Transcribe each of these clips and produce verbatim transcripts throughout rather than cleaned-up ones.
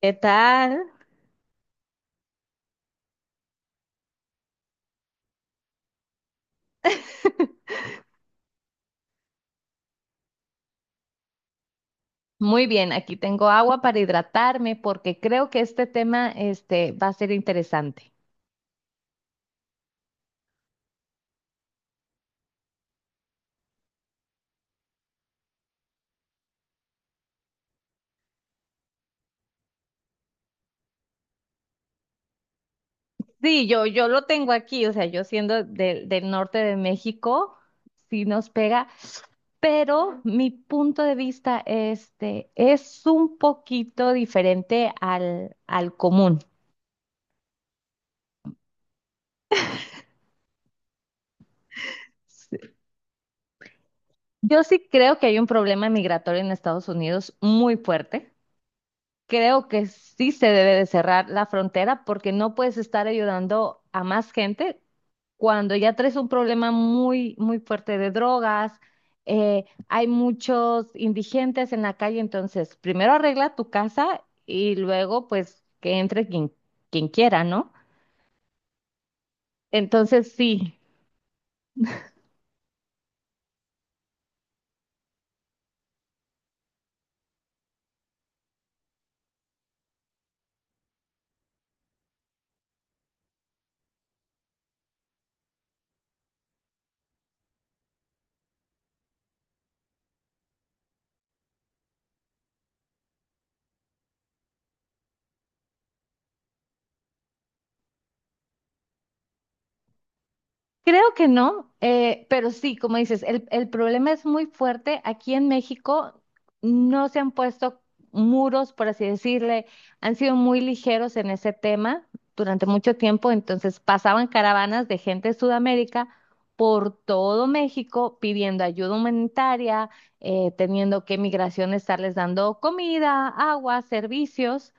¿Qué tal? Muy bien, aquí tengo agua para hidratarme porque creo que este tema este, va a ser interesante. Sí, yo, yo lo tengo aquí, o sea, yo siendo del del norte de México, sí nos pega, pero mi punto de vista este, es un poquito diferente al, al común. Sí. Yo sí creo que hay un problema migratorio en Estados Unidos muy fuerte. Creo que sí se debe de cerrar la frontera porque no puedes estar ayudando a más gente cuando ya traes un problema muy, muy fuerte de drogas. Eh, hay muchos indigentes en la calle, entonces primero arregla tu casa y luego pues que entre quien, quien quiera, ¿no? Entonces sí. Creo que no, eh, pero sí, como dices, el, el problema es muy fuerte. Aquí en México no se han puesto muros, por así decirle, han sido muy ligeros en ese tema durante mucho tiempo, entonces pasaban caravanas de gente de Sudamérica por todo México pidiendo ayuda humanitaria, eh, teniendo que migración estarles dando comida, agua, servicios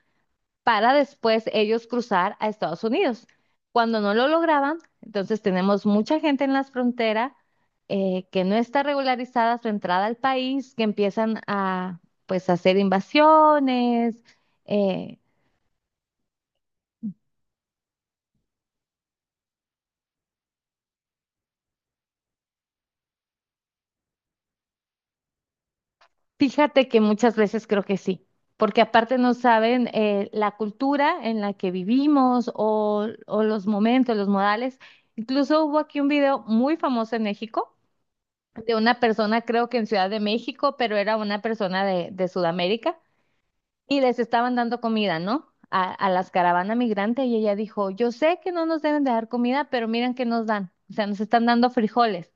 para después ellos cruzar a Estados Unidos. Cuando no lo lograban, entonces tenemos mucha gente en las fronteras eh, que no está regularizada su entrada al país, que empiezan a pues hacer invasiones. eh, fíjate que muchas veces creo que sí, porque aparte no saben eh, la cultura en la que vivimos o, o los momentos, los modales. Incluso hubo aquí un video muy famoso en México de una persona, creo que en Ciudad de México, pero era una persona de, de Sudamérica, y les estaban dando comida, ¿no? A, a las caravanas migrantes, y ella dijo, yo sé que no nos deben de dar comida, pero miren que nos dan, o sea, nos están dando frijoles.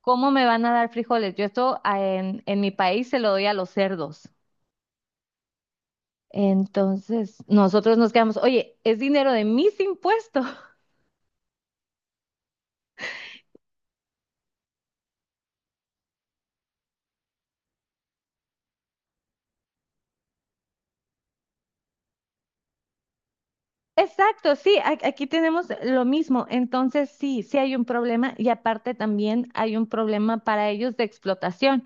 ¿Cómo me van a dar frijoles? Yo esto ah, en, en mi país se lo doy a los cerdos. Entonces, nosotros nos quedamos, oye, es dinero de mis impuestos. Exacto, sí, a- aquí tenemos lo mismo. Entonces, sí, sí hay un problema y aparte también hay un problema para ellos de explotación,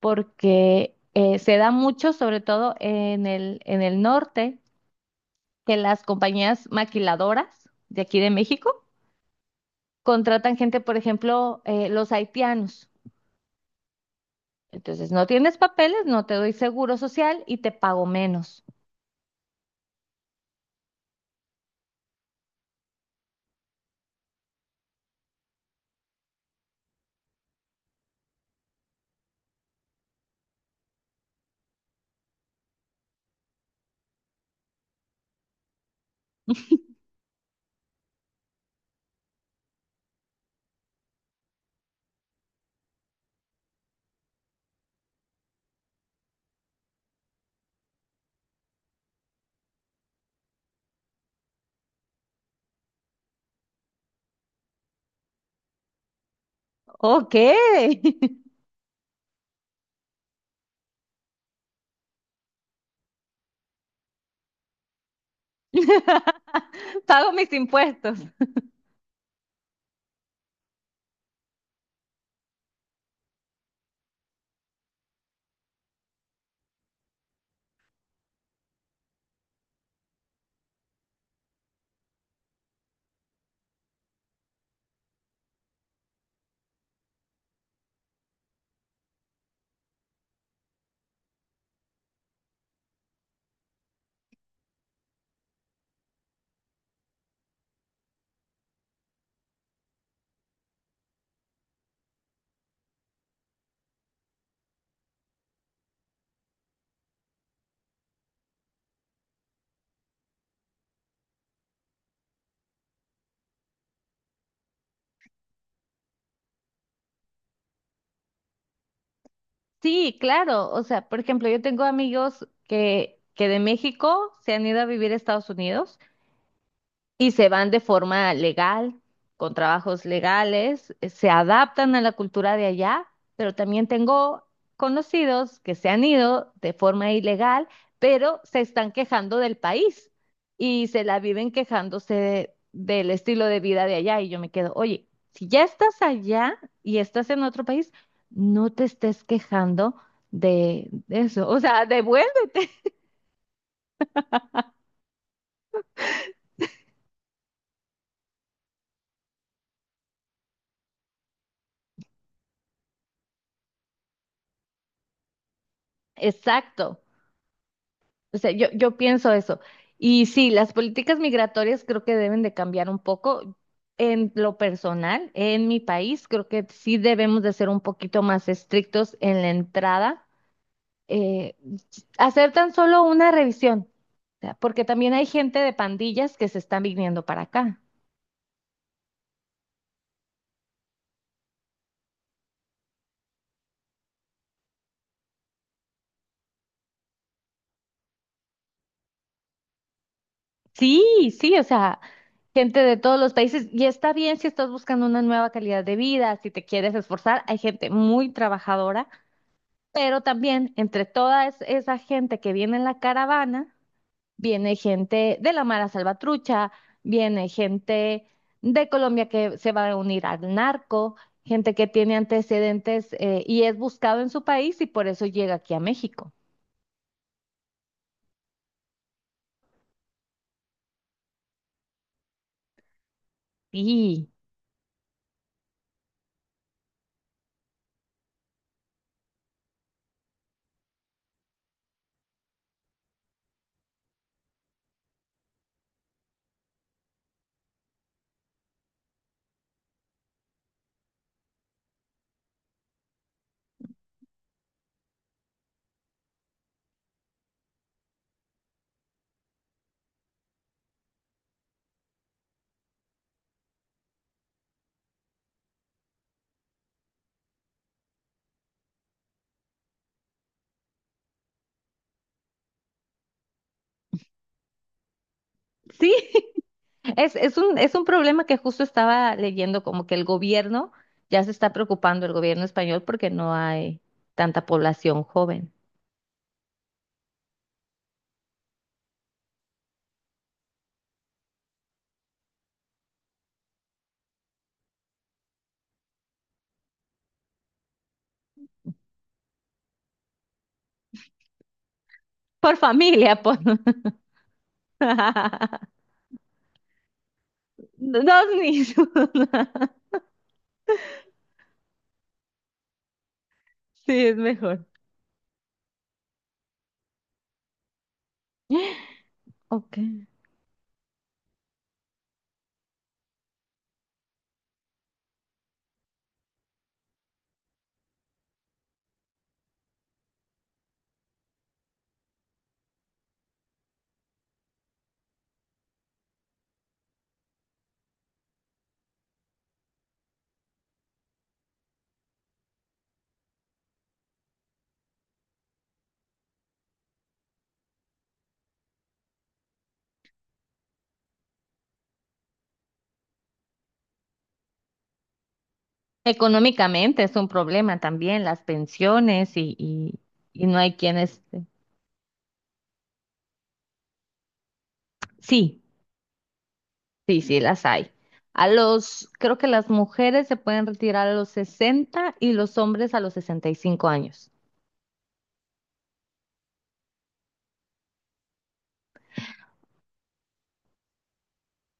porque eh, se da mucho, sobre todo en el, en el norte, que las compañías maquiladoras de aquí de México contratan gente, por ejemplo, eh, los haitianos. Entonces, no tienes papeles, no te doy seguro social y te pago menos. Ok. Pago mis impuestos. Sí, claro. O sea, por ejemplo, yo tengo amigos que, que de México se han ido a vivir a Estados Unidos y se van de forma legal, con trabajos legales, eh, se adaptan a la cultura de allá, pero también tengo conocidos que se han ido de forma ilegal, pero se están quejando del país y se la viven quejándose de- del estilo de vida de allá y yo me quedo, oye, si ya estás allá y estás en otro país, no te estés quejando de de eso, o sea, devuélvete. Exacto. O sea, yo, yo pienso eso. Y sí, las políticas migratorias creo que deben de cambiar un poco. En lo personal, en mi país, creo que sí debemos de ser un poquito más estrictos en la entrada. eh, Hacer tan solo una revisión, o sea, porque también hay gente de pandillas que se están viniendo para acá. Sí, sí, o sea, gente de todos los países. Y está bien si estás buscando una nueva calidad de vida, si te quieres esforzar. Hay gente muy trabajadora. Pero también entre toda es- esa gente que viene en la caravana, viene gente de la Mara Salvatrucha, viene gente de Colombia que se va a unir al narco, gente que tiene antecedentes eh, y es buscado en su país y por eso llega aquí a México. Sí, sí, es, es un, es un problema que justo estaba leyendo, como que el gobierno ya se está preocupando, el gobierno español, porque no hay tanta población joven. Por familia, por... Dos niños. Sí, es mejor. Ok. Económicamente es un problema también, las pensiones y, y, y no hay quienes... Sí, sí, sí, las hay. A los, creo que las mujeres se pueden retirar a los sesenta y los hombres a los sesenta y cinco años.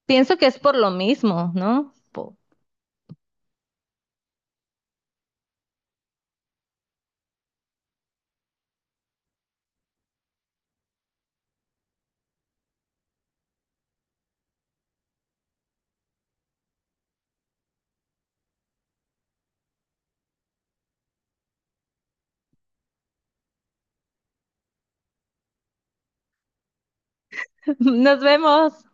Pienso que es por lo mismo, ¿no? Po- Nos vemos.